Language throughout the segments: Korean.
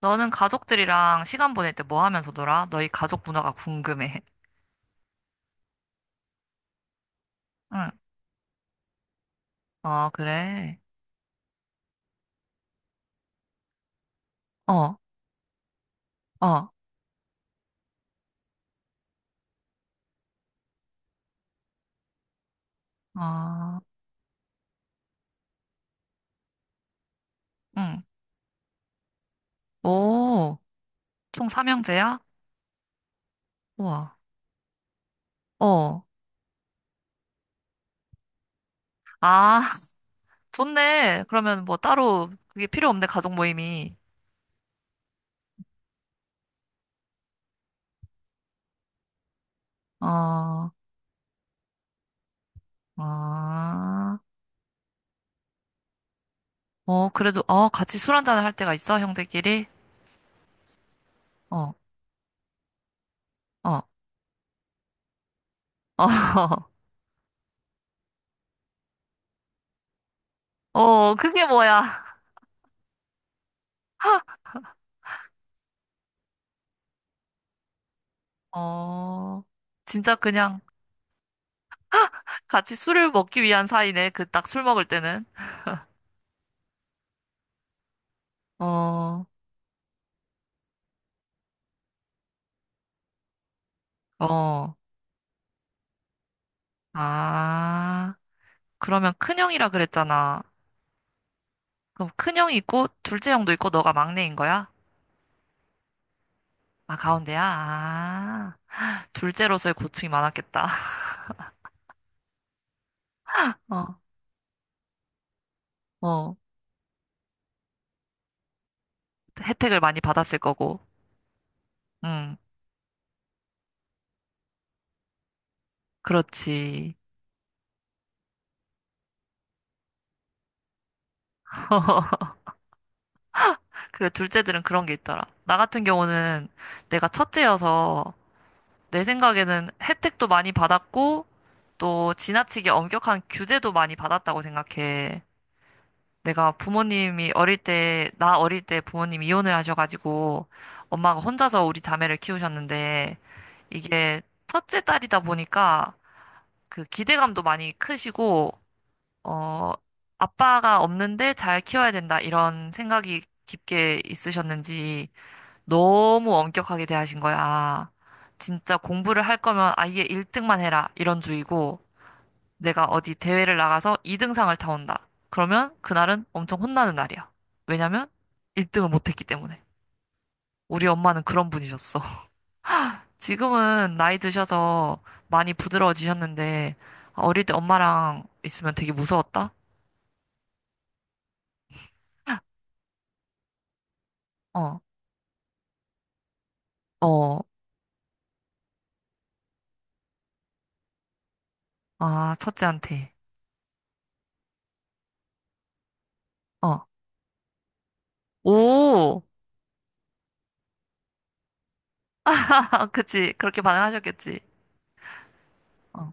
너는 가족들이랑 시간 보낼 때 뭐 하면서 놀아? 너희 가족 문화가 궁금해. 응. 어, 그래. 어, 어, 어, 응. 오, 총 삼형제야. 우와. 어. 아, 좋네. 그러면 뭐 따로 그게 필요 없네, 가족 모임이. 어, 아, 어, 그래도, 어, 같이 술 한잔을 할 때가 있어, 형제끼리? 어, 어, 어, 어, 그게 뭐야. 어, 진짜 그냥 같이 술을 먹기 위한 사이네. 그 딱 술 먹을 때는. 어, 어. 아, 그러면 큰형이라 그랬잖아. 그럼 큰형이 있고 둘째 형도 있고 너가 막내인 거야? 아, 가운데야? 아, 둘째로서의 고충이 많았겠다. 어, 어. 혜택을 많이 받았을 거고. 응, 그렇지. 그래, 둘째들은 그런 게 있더라. 나 같은 경우는 내가 첫째여서 내 생각에는 혜택도 많이 받았고, 또 지나치게 엄격한 규제도 많이 받았다고 생각해. 내가 부모님이 어릴 때, 나 어릴 때 부모님이 이혼을 하셔가지고, 엄마가 혼자서 우리 자매를 키우셨는데, 이게 첫째 딸이다 보니까 그 기대감도 많이 크시고, 어, 아빠가 없는데 잘 키워야 된다, 이런 생각이 깊게 있으셨는지, 너무 엄격하게 대하신 거야. 아, 진짜 공부를 할 거면 아예 1등만 해라. 이런 주의고, 내가 어디 대회를 나가서 2등상을 타온다. 그러면 그날은 엄청 혼나는 날이야. 왜냐면 1등을 못했기 때문에. 우리 엄마는 그런 분이셨어. 지금은 나이 드셔서 많이 부드러워지셨는데, 어릴 때 엄마랑 있으면 되게 무서웠다? 어, 어, 아, 첫째한테. 어, 오! 그치. 그렇게 반응하셨겠지. 어,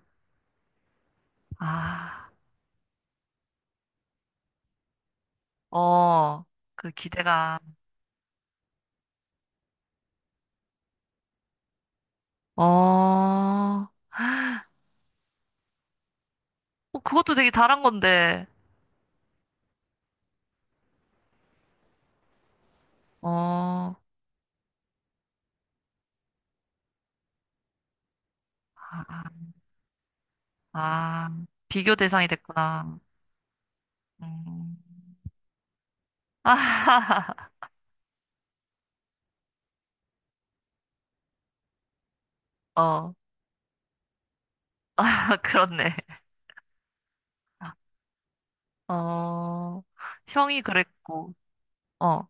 아. 어, 그 기대감. 어, 어, 그것도 되게 잘한 건데. 어, 아, 아, 아, 비교 대상이 됐구나. 음. 아, 어, 그렇네. 어, 형이 그랬고, 어,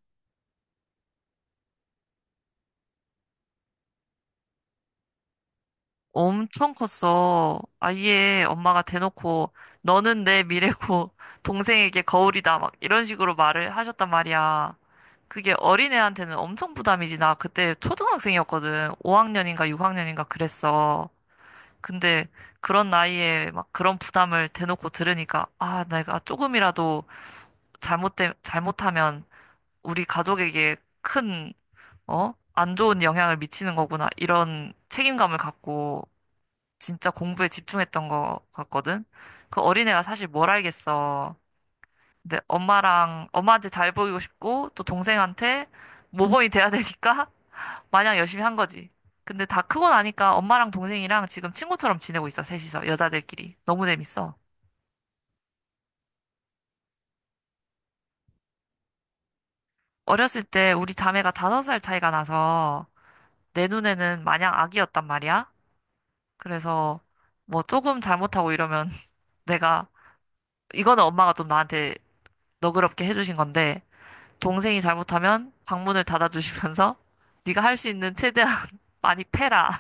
엄청 컸어. 아예 엄마가 대놓고, 너는 내 미래고, 동생에게 거울이다. 막 이런 식으로 말을 하셨단 말이야. 그게 어린애한테는 엄청 부담이지. 나 그때 초등학생이었거든. 5학년인가 6학년인가 그랬어. 근데 그런 나이에 막 그런 부담을 대놓고 들으니까, 아, 내가 조금이라도 잘못되, 잘못하면 우리 가족에게 큰, 어? 안 좋은 영향을 미치는 거구나. 이런 책임감을 갖고 진짜 공부에 집중했던 것 같거든. 그 어린애가 사실 뭘 알겠어. 근데 엄마랑, 엄마한테 잘 보이고 싶고, 또 동생한테 모범이 돼야 되니까 마냥 열심히 한 거지. 근데 다 크고 나니까 엄마랑 동생이랑 지금 친구처럼 지내고 있어, 셋이서. 여자들끼리. 너무 재밌어. 어렸을 때 우리 자매가 다섯 살 차이가 나서 내 눈에는 마냥 아기였단 말이야. 그래서 뭐 조금 잘못하고 이러면 내가, 이거는 엄마가 좀 나한테 너그럽게 해주신 건데, 동생이 잘못하면 방문을 닫아주시면서 네가 할 수 있는 최대한 많이 패라.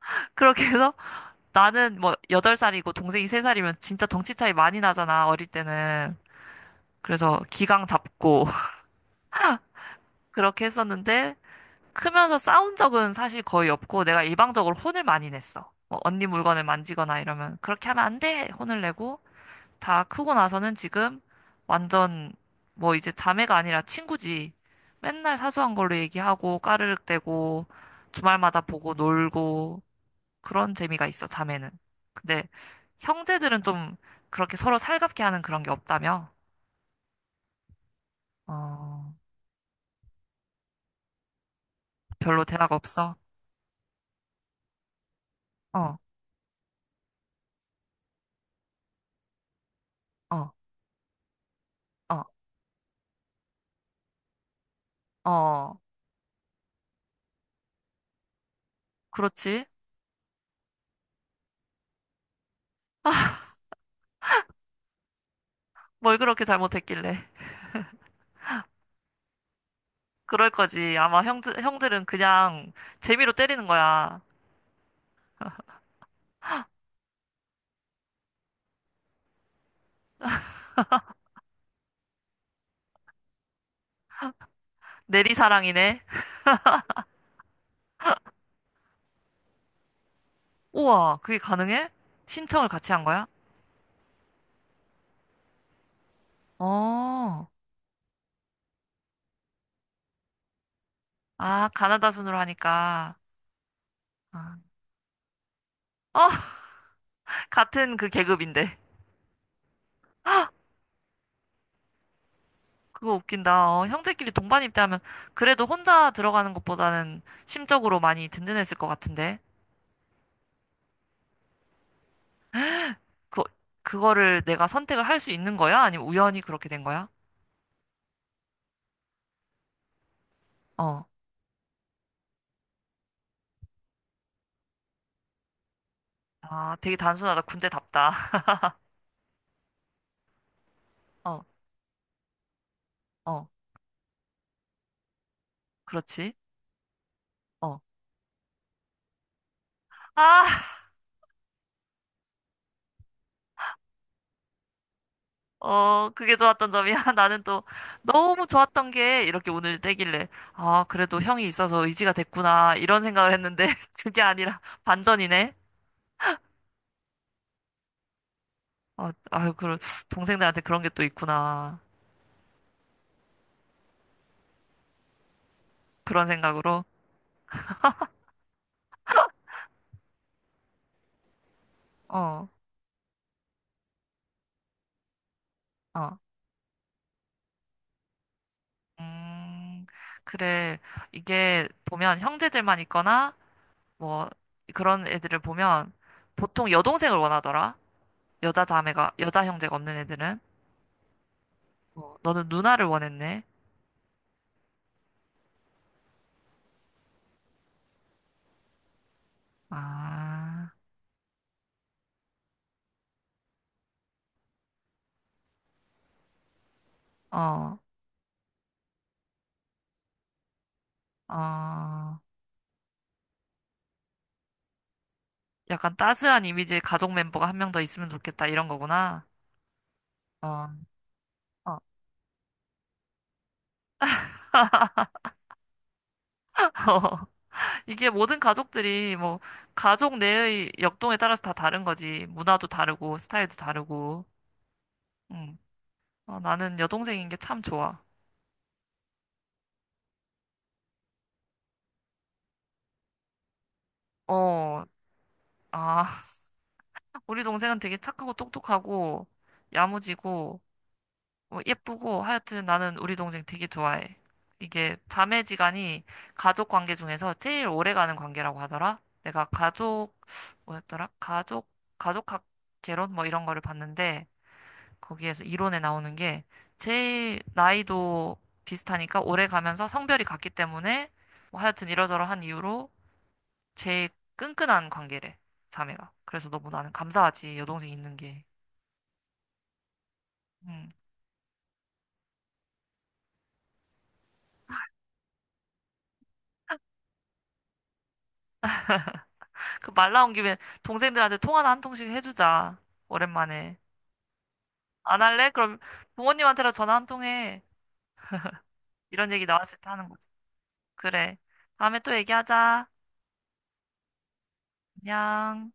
그렇게 해서 나는 뭐 여덟 살이고 동생이 세 살이면 진짜 덩치 차이 많이 나잖아, 어릴 때는. 그래서 기강 잡고 그렇게 했었는데 크면서 싸운 적은 사실 거의 없고 내가 일방적으로 혼을 많이 냈어. 뭐 언니 물건을 만지거나 이러면 그렇게 하면 안 돼! 혼을 내고 다 크고 나서는 지금 완전 뭐 이제 자매가 아니라 친구지. 맨날 사소한 걸로 얘기하고 까르륵대고 주말마다 보고 놀고 그런 재미가 있어, 자매는. 근데 형제들은 좀 그렇게 서로 살갑게 하는 그런 게 없다며? 어, 별로 대화가 없어? 어. 어. 어, 어, 그렇지. 뭘 그렇게 잘못했길래. 그럴 거지. 아마 형들, 형들은 그냥 재미로 때리는 거야. 내리사랑이네. 우와, 그게 가능해? 신청을 같이 한 거야? 어, 아, 가나다 순으로 하니까. 아, 어, 같은 그 계급인데. 그거 웃긴다. 어, 형제끼리 동반 입대하면 그래도 혼자 들어가는 것보다는 심적으로 많이 든든했을 것 같은데. 그, 그거를 내가 선택을 할 수 있는 거야? 아니면 우연히 그렇게 된 거야? 어, 아, 되게 단순하다. 군대답다. 어, 어, 그렇지. 어. 아, 어, 그게 좋았던 점이야. 나는 또 너무 좋았던 게 이렇게 운을 떼길래, 아, 그래도 형이 있어서 의지가 됐구나. 이런 생각을 했는데, 그게 아니라 반전이네. 어, 아유, 그, 동생들한테 그런 게 또 있구나. 그런 생각으로. 어, 어. 음, 그래. 이게 보면 형제들만 있거나, 뭐, 그런 애들을 보면 보통 여동생을 원하더라. 여자 자매가, 여자 형제가 없는 애들은? 어, 너는 누나를 원했네. 아, 어, 어. 약간 따스한 이미지의 가족 멤버가 한 명 더 있으면 좋겠다, 이런 거구나. 어, 어. 이게 모든 가족들이 뭐, 가족 내의 역동에 따라서 다 다른 거지. 문화도 다르고, 스타일도 다르고. 음. 어, 나는 여동생인 게 참 좋아. 어, 아, 우리 동생은 되게 착하고 똑똑하고, 야무지고, 어, 예쁘고 하여튼 나는 우리 동생 되게 좋아해. 이게 자매지간이 가족 관계 중에서 제일 오래가는 관계라고 하더라. 내가 가족 뭐였더라? 가족 가족학 개론 뭐 이런 거를 봤는데 거기에서 이론에 나오는 게 제일 나이도 비슷하니까 오래 가면서 성별이 같기 때문에 뭐 하여튼 이러저러한 이유로 제일 끈끈한 관계래. 자매가. 그래서 너무 나는 감사하지. 여동생 있는 게. 음. 그 말 나온 김에 동생들한테 통화나 한 통씩 해주자. 오랜만에. 안 할래? 그럼 부모님한테라도 전화 한 통 해. 이런 얘기 나왔을 때 하는 거지. 그래. 다음에 또 얘기하자. 안녕.